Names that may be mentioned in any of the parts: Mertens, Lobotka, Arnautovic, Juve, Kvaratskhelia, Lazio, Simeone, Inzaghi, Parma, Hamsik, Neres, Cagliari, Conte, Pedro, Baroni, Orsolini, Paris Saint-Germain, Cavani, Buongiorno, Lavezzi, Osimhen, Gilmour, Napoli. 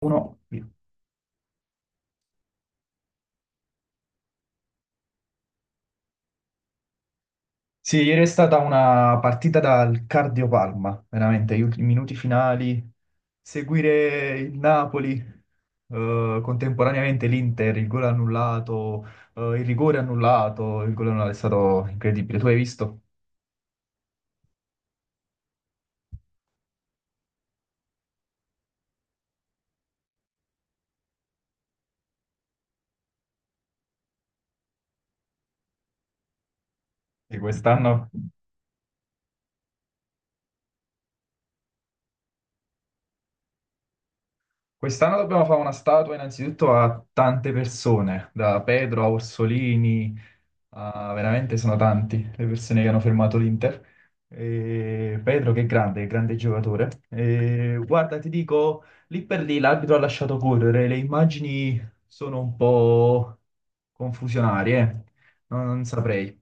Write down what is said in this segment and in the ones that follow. Uno. Sì, ieri è stata una partita dal cardiopalma, veramente, gli ultimi minuti finali, seguire il Napoli, contemporaneamente l'Inter, il gol annullato, il rigore annullato, il gol annullato è stato incredibile. Tu hai visto? E quest'anno dobbiamo fare una statua innanzitutto a tante persone, da Pedro a Orsolini. Ah, veramente sono tanti le persone che hanno fermato l'Inter. E Pedro che è grande, grande giocatore. E guarda, ti dico, lì per lì l'arbitro ha lasciato correre, le immagini sono un po' confusionarie, eh. Non saprei.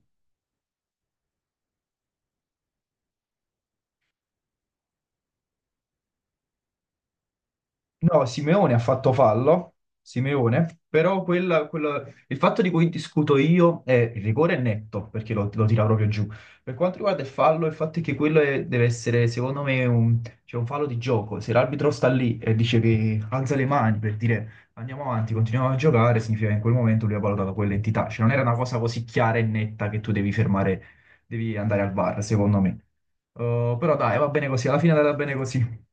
No, Simeone ha fatto fallo, Simeone, però il fatto di cui discuto io è il rigore è netto, perché lo tira proprio giù. Per quanto riguarda il fallo, il fatto è che deve essere, secondo me, cioè un fallo di gioco. Se l'arbitro sta lì e dice che alza le mani per dire andiamo avanti, continuiamo a giocare, significa che in quel momento lui ha valutato quell'entità. Cioè non era una cosa così chiara e netta che tu devi fermare, devi andare al VAR, secondo me. Però dai, va bene così, alla fine è andata bene così.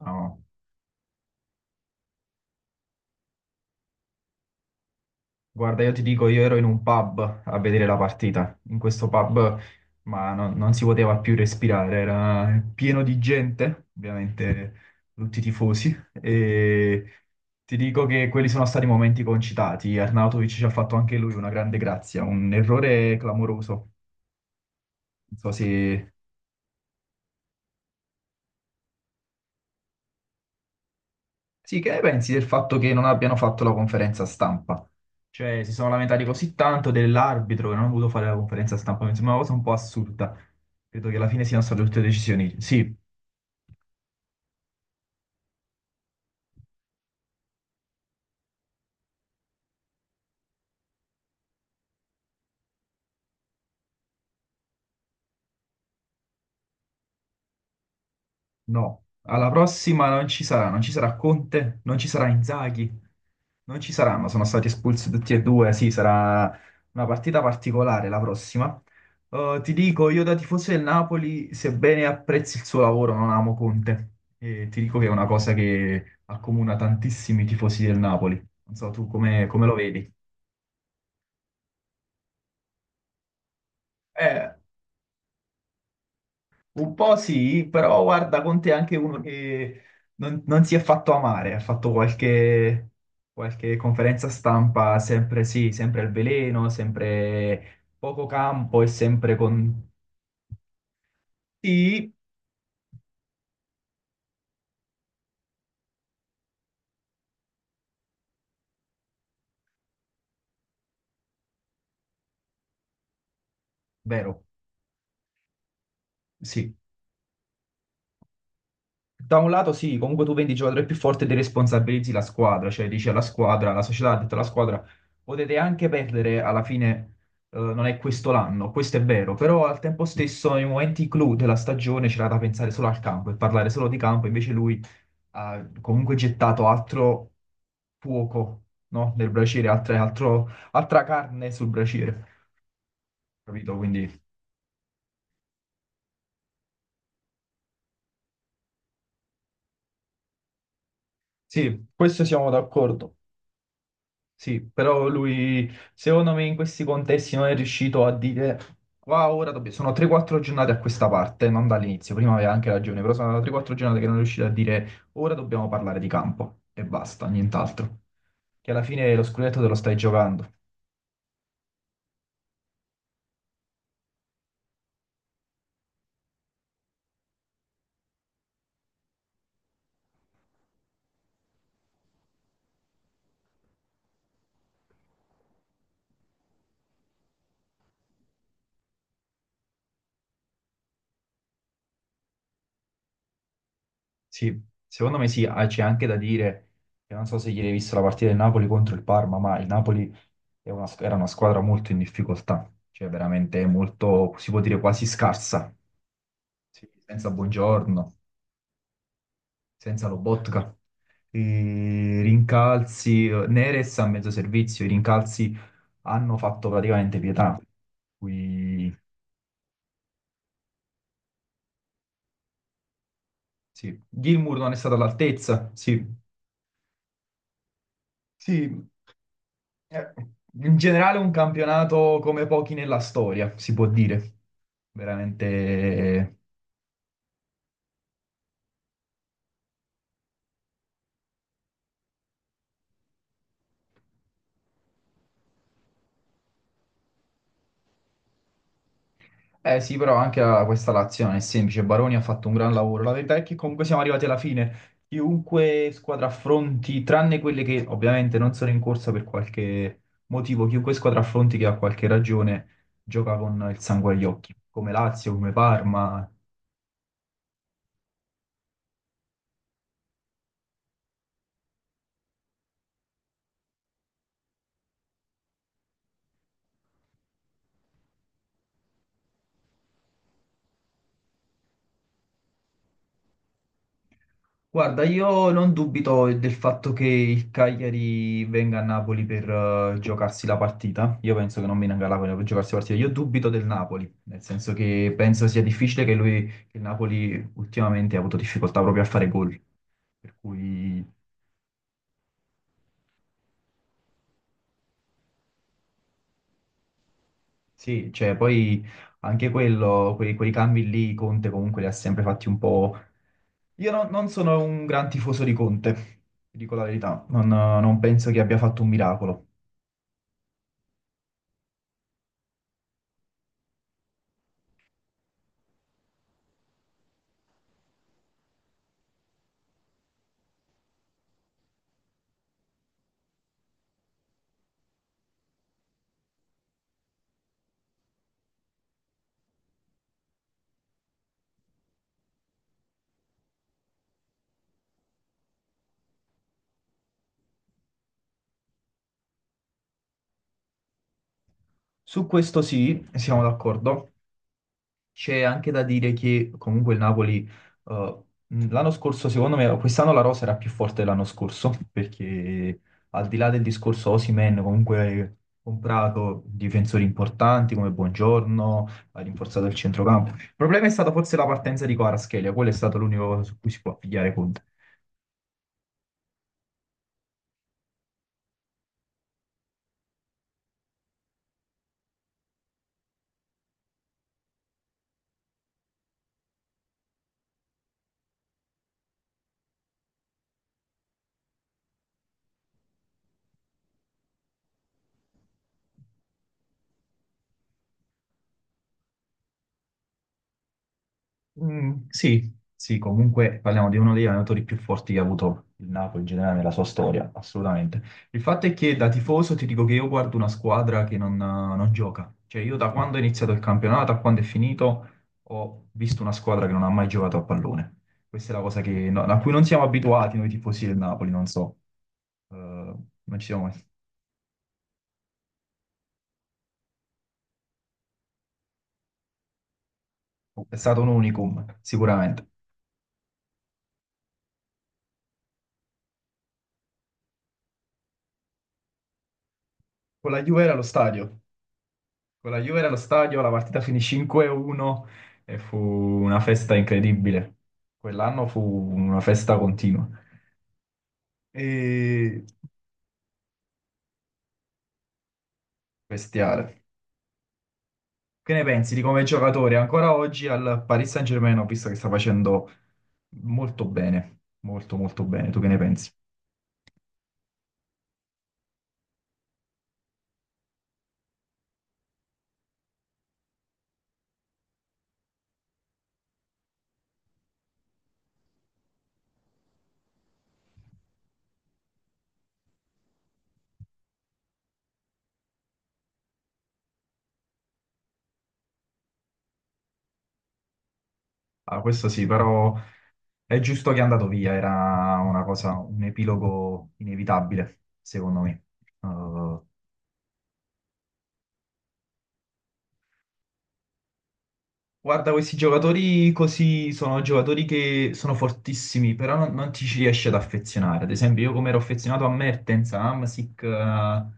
No, guarda, io ti dico, io ero in un pub a vedere la partita. In questo pub, non si poteva più respirare, era pieno di gente, ovviamente tutti i tifosi. E ti dico che quelli sono stati momenti concitati. Arnautovic ci ha fatto anche lui una grande grazia, un errore clamoroso. Non so se Sì, che ne pensi del fatto che non abbiano fatto la conferenza stampa? Cioè, si sono lamentati così tanto dell'arbitro che non ha voluto fare la conferenza stampa, mi sembra una cosa un po' assurda. Credo che alla fine siano state tutte decisioni. Sì, no, alla prossima non ci sarà, non ci sarà Conte, non ci sarà Inzaghi, non ci saranno, sono stati espulsi tutti e due, sì, sarà una partita particolare la prossima. Ti dico, io da tifoso del Napoli, sebbene apprezzi il suo lavoro, non amo Conte. E ti dico che è una cosa che accomuna tantissimi tifosi del Napoli. Non so tu come, come lo vedi. Eh, Un po' sì, però guarda, Conte è anche uno che non si è fatto amare, ha fatto qualche, qualche conferenza stampa, sempre sì, sempre al veleno, sempre poco campo e sempre con... Sì, vero, sì, da un lato sì, comunque tu vendi il giocatore più forte e responsabilizzi la squadra, cioè dici alla squadra, la società ha detto alla squadra, potete anche perdere, alla fine non è questo l'anno, questo è vero, però al tempo stesso nei momenti clou della stagione c'era da pensare solo al campo e parlare solo di campo, invece lui ha comunque gettato altro fuoco, no? Nel braciere, altra carne sul braciere, capito? Quindi sì, questo siamo d'accordo. Sì, però lui, secondo me, in questi contesti non è riuscito a dire qua ora sono 3-4 giornate a questa parte, non dall'inizio, prima aveva anche ragione, però sono 3-4 giornate che non è riuscito a dire ora dobbiamo parlare di campo e basta, nient'altro. Che alla fine lo scudetto te lo stai giocando. Sì, secondo me sì, ah, c'è anche da dire che non so se ieri hai visto la partita del Napoli contro il Parma, ma il Napoli è una era una squadra molto in difficoltà, cioè veramente molto, si può dire quasi scarsa. Sì, senza buongiorno, senza Lobotka. I rincalzi, Neres a mezzo servizio, i rincalzi hanno fatto praticamente pietà. Qui, sì. Gilmour non è stato all'altezza, sì. Sì, eh, in generale un campionato come pochi nella storia, si può dire. Veramente eh sì, però anche questa l'azione è semplice. Baroni ha fatto un gran lavoro. La verità è che comunque siamo arrivati alla fine. Chiunque squadra affronti, tranne quelle che ovviamente non sono in corsa per qualche motivo, chiunque squadra affronti che ha qualche ragione gioca con il sangue agli occhi, come Lazio, come Parma. Guarda, io non dubito del fatto che il Cagliari venga a Napoli per giocarsi la partita. Io penso che non venga a Napoli per giocarsi la partita. Io dubito del Napoli, nel senso che penso sia difficile che lui, che il Napoli ultimamente ha avuto difficoltà proprio a fare gol. Per cui sì, cioè poi anche quello, quei, quei cambi lì, Conte comunque li ha sempre fatti un po'. Io non sono un gran tifoso di Conte, ti dico la verità. Non penso che abbia fatto un miracolo. Su questo sì, siamo d'accordo. C'è anche da dire che comunque il Napoli eh, l'anno scorso, secondo me, quest'anno la rosa era più forte dell'anno scorso, perché al di là del discorso Osimhen, comunque hai comprato difensori importanti come Buongiorno, ha rinforzato il centrocampo. Il problema è stata forse la partenza di Kvaratskhelia, quello è stato l'unico su cui si può pigliare. Mm, sì, sì, comunque parliamo di uno degli allenatori più forti che ha avuto il Napoli in generale nella sua storia, assolutamente. Il fatto è che da tifoso ti dico che io guardo una squadra che non gioca. Cioè io da quando è iniziato il campionato a quando è finito ho visto una squadra che non ha mai giocato a pallone. Questa è la cosa a cui non siamo abituati noi tifosi del Napoli, non so. Eh, non ci siamo mai. È stato un unicum, sicuramente. Con la Juve era allo stadio. Con la Juve nello stadio la partita finì 5-1 e fu una festa incredibile. Quell'anno fu una festa continua. E... bestiale. Che ne pensi di come giocatore ancora oggi al Paris Saint-Germain, ho visto che sta facendo molto bene, molto molto bene. Tu che ne pensi? Ah, questo sì, però è giusto che è andato via, era una cosa, un epilogo inevitabile, secondo me. Eh, Guarda, questi giocatori così sono giocatori che sono fortissimi, però non ti ci riesci ad affezionare. Ad esempio, io come ero affezionato a Mertens, a Hamsik, a,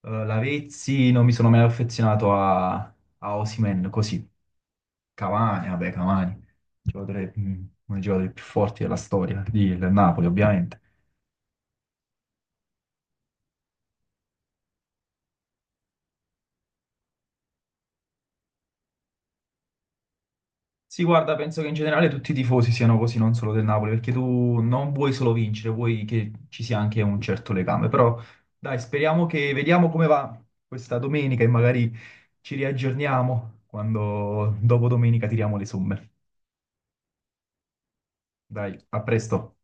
Lavezzi, non mi sono mai affezionato a, a Osimhen, così. Cavani, vabbè, Cavani, giocatore, uno dei giocatori più forti della storia, del Napoli, ovviamente. Sì, guarda, penso che in generale tutti i tifosi siano così, non solo del Napoli, perché tu non vuoi solo vincere, vuoi che ci sia anche un certo legame. Però dai, speriamo che vediamo come va questa domenica e magari ci riaggiorniamo quando dopo domenica tiriamo le somme. Dai, a presto.